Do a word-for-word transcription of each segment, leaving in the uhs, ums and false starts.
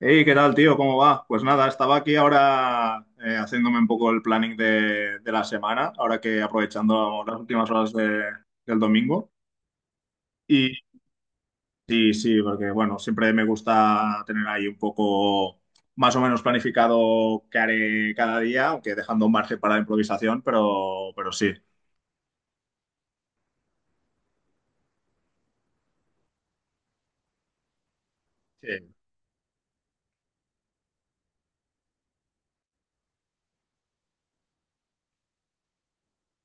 Hey, ¿qué tal, tío? ¿Cómo va? Pues nada, estaba aquí ahora eh, haciéndome un poco el planning de, de la semana, ahora que aprovechando las últimas horas de- del domingo. Y sí, sí, porque bueno, siempre me gusta tener ahí un poco más o menos planificado qué haré cada día, aunque dejando un margen para la improvisación, pero, pero sí. Sí.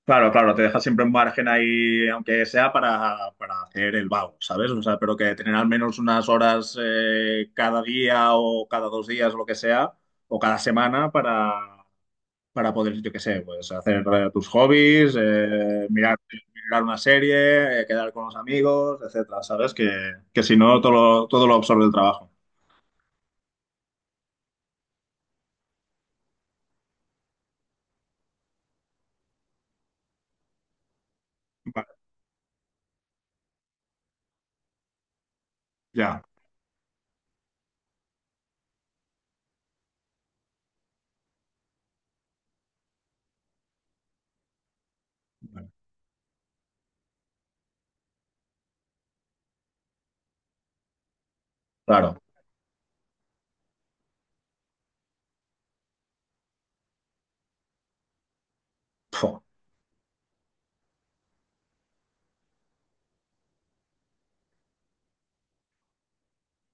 Claro, claro, te deja siempre un margen ahí, aunque sea para, para hacer el vago, ¿sabes? O sea, pero que tener al menos unas horas eh, cada día o cada dos días, lo que sea, o cada semana para, para poder, yo qué sé, pues hacer eh, tus hobbies, eh, mirar, mirar una serie, eh, quedar con los amigos, etcétera, ¿sabes? Que, que si no, todo, lo- todo lo absorbe el trabajo. Vale, ya, vale, claro. Pf.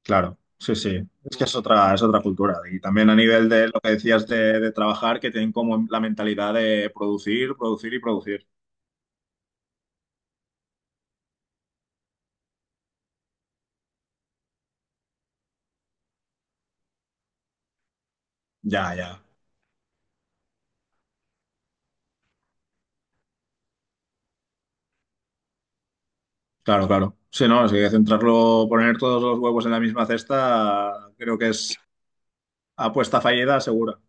Claro, sí, sí. Es que es otra, es otra cultura. Y también a nivel de lo que decías de, de trabajar, que tienen como la mentalidad de producir, producir y producir. Ya, ya. Claro, claro. Sí, no, si centrarlo, poner todos los huevos en la misma cesta, creo que es apuesta fallida segura.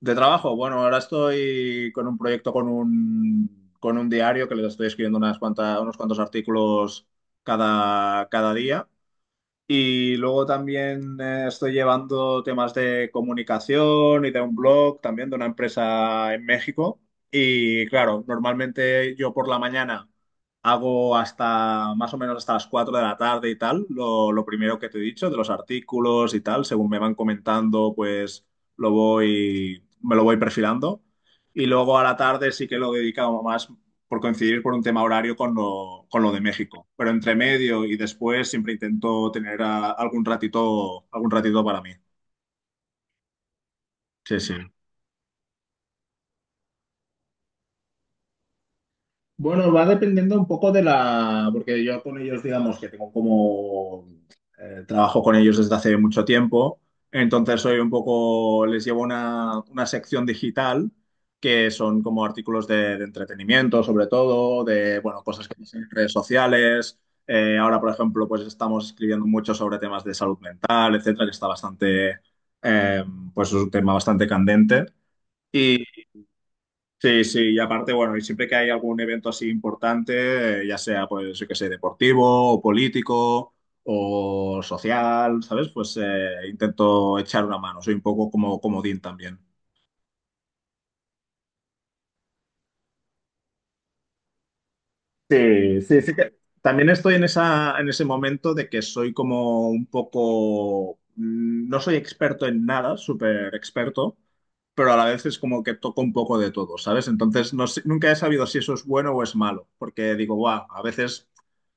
De trabajo, bueno, ahora estoy con un proyecto con un, con un diario que les estoy escribiendo unas cuantas, unos cuantos artículos cada, cada día. Y luego también eh, estoy llevando temas de comunicación y de un blog también de una empresa en México. Y claro, normalmente yo por la mañana hago hasta más o menos hasta las cuatro de la tarde y tal, lo, lo primero que te he dicho, de los artículos y tal, según me van comentando, pues lo voy, me lo voy perfilando. Y luego a la tarde sí que lo dedicamos más, por coincidir por un tema horario con lo, con lo de México. Pero entre medio y después siempre intento tener a- algún ratito, algún ratito para mí. Sí, sí. Bueno, va dependiendo un poco de la, porque yo con ellos, digamos que tengo como, eh, trabajo con ellos desde hace mucho tiempo, entonces soy un poco, les llevo una, una sección digital que son como artículos de, de entretenimiento, sobre todo, de, bueno, cosas que pasan en redes sociales. Eh, ahora, por ejemplo, pues estamos escribiendo mucho sobre temas de salud mental, etcétera, que está bastante, eh, pues es un tema bastante candente. Sí, sí, y aparte, bueno, y siempre que hay algún evento así importante, eh, ya sea, pues, yo qué sé, deportivo o político o social, ¿sabes? Pues eh, intento echar una mano, soy un poco como comodín también. Sí, sí, sí que también estoy en esa, en ese momento de que soy como un poco, mm, no soy experto en nada, súper experto, pero a la vez es como que toco un poco de todo, ¿sabes? Entonces no sé- nunca he sabido si eso es bueno o es malo, porque digo, guau, a veces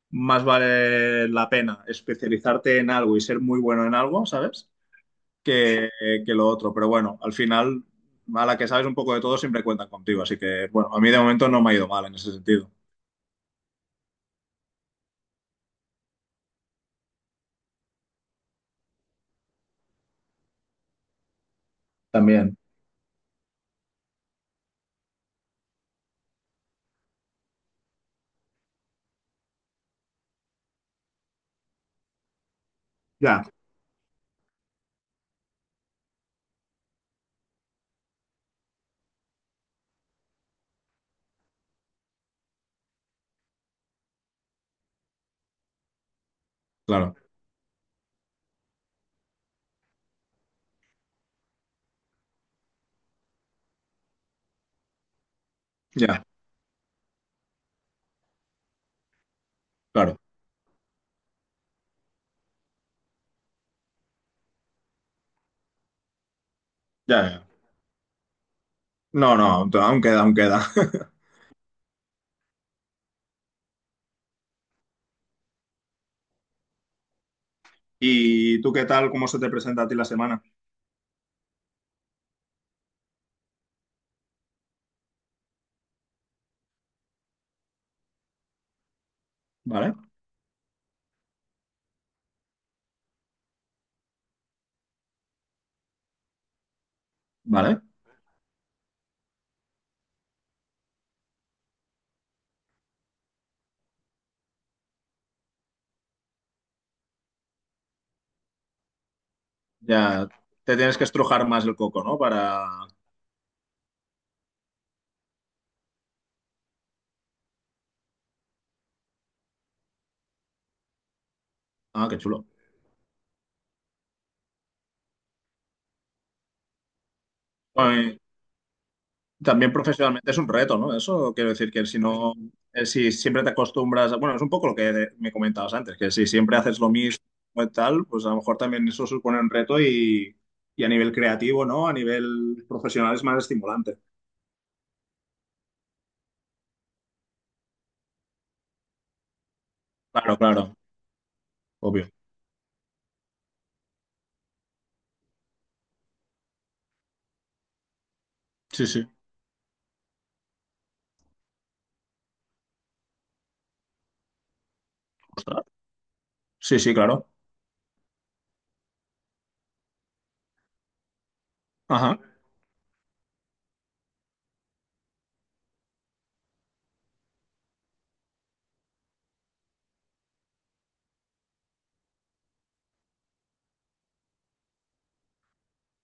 más vale la pena especializarte en algo y ser muy bueno en algo, ¿sabes? Que, que lo otro, pero bueno, al final, a la que sabes un poco de todo siempre cuentan contigo, así que bueno, a mí de momento no me ha ido mal en ese sentido. También. Ya. Claro, ya, claro, ya, ya. No, no, aún aún queda, aún queda. ¿Y tú qué tal? ¿Cómo se te presenta a ti la semana? Vale, vale. Ya te tienes que estrujar más el coco, ¿no? Para... Ah, qué chulo. Bueno, y también profesionalmente es un reto, ¿no? Eso quiero decir que si no, eh, si siempre te acostumbras, bueno, es un poco lo que de- me comentabas antes, que si siempre haces lo mismo y tal, pues a lo mejor también eso supone un reto y, y a nivel creativo, ¿no? A nivel profesional es más estimulante. Claro, claro, obvio. Sí, sí. Ostras. Sí, sí, claro. Ajá.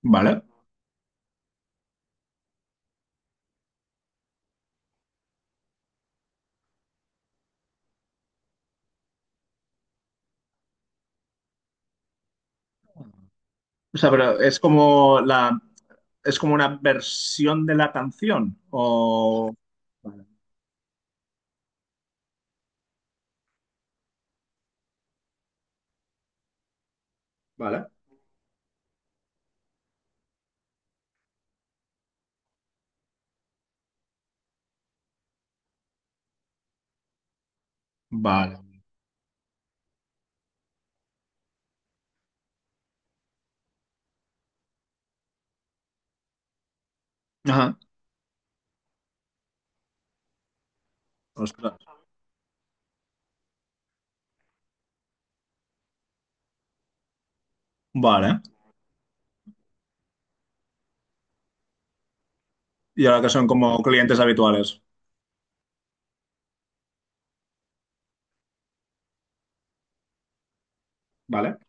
Vale. O sea, pero es como la, es como una versión de la canción. O. Vale. Vale. Vale. Ajá. Ostras. Vale. Y ahora que son como clientes habituales. Vale.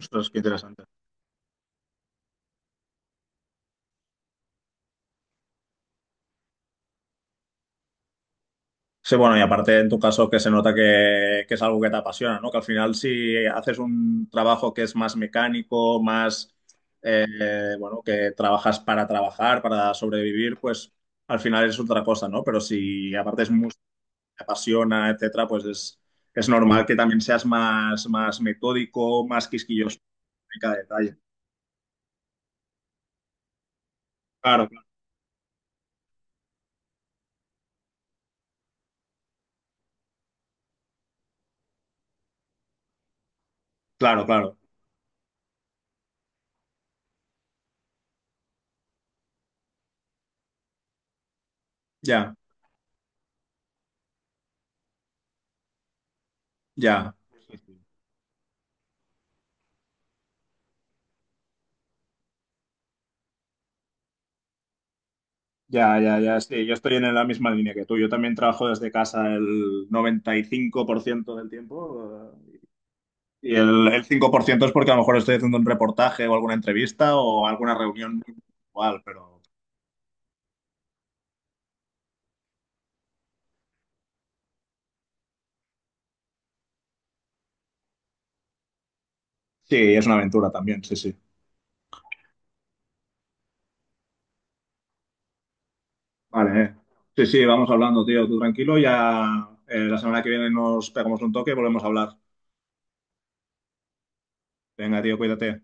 Ostras, qué interesante. Sí, bueno, y aparte en tu caso que se nota que, que es algo que te apasiona, ¿no? Que al final si haces un trabajo que es más mecánico, más, eh, bueno, que trabajas para trabajar, para sobrevivir, pues al final es otra cosa, ¿no? Pero si aparte es música, te apasiona, etcétera, pues es, es normal que también seas más, más metódico, más quisquilloso en cada detalle. Claro, claro, claro, claro. Ya, ya. Ya, ya, ya, sí, yo estoy en la misma línea que tú. Yo también trabajo desde casa el noventa y cinco por ciento del tiempo eh, y el, el cinco por ciento es porque a lo mejor estoy haciendo un reportaje o alguna entrevista o alguna reunión igual. Pero sí, es una aventura también, sí, sí. Vale, eh. Sí, sí, vamos hablando, tío, tú tranquilo, ya eh, la semana que viene nos pegamos un toque y volvemos a hablar. Venga, tío, cuídate.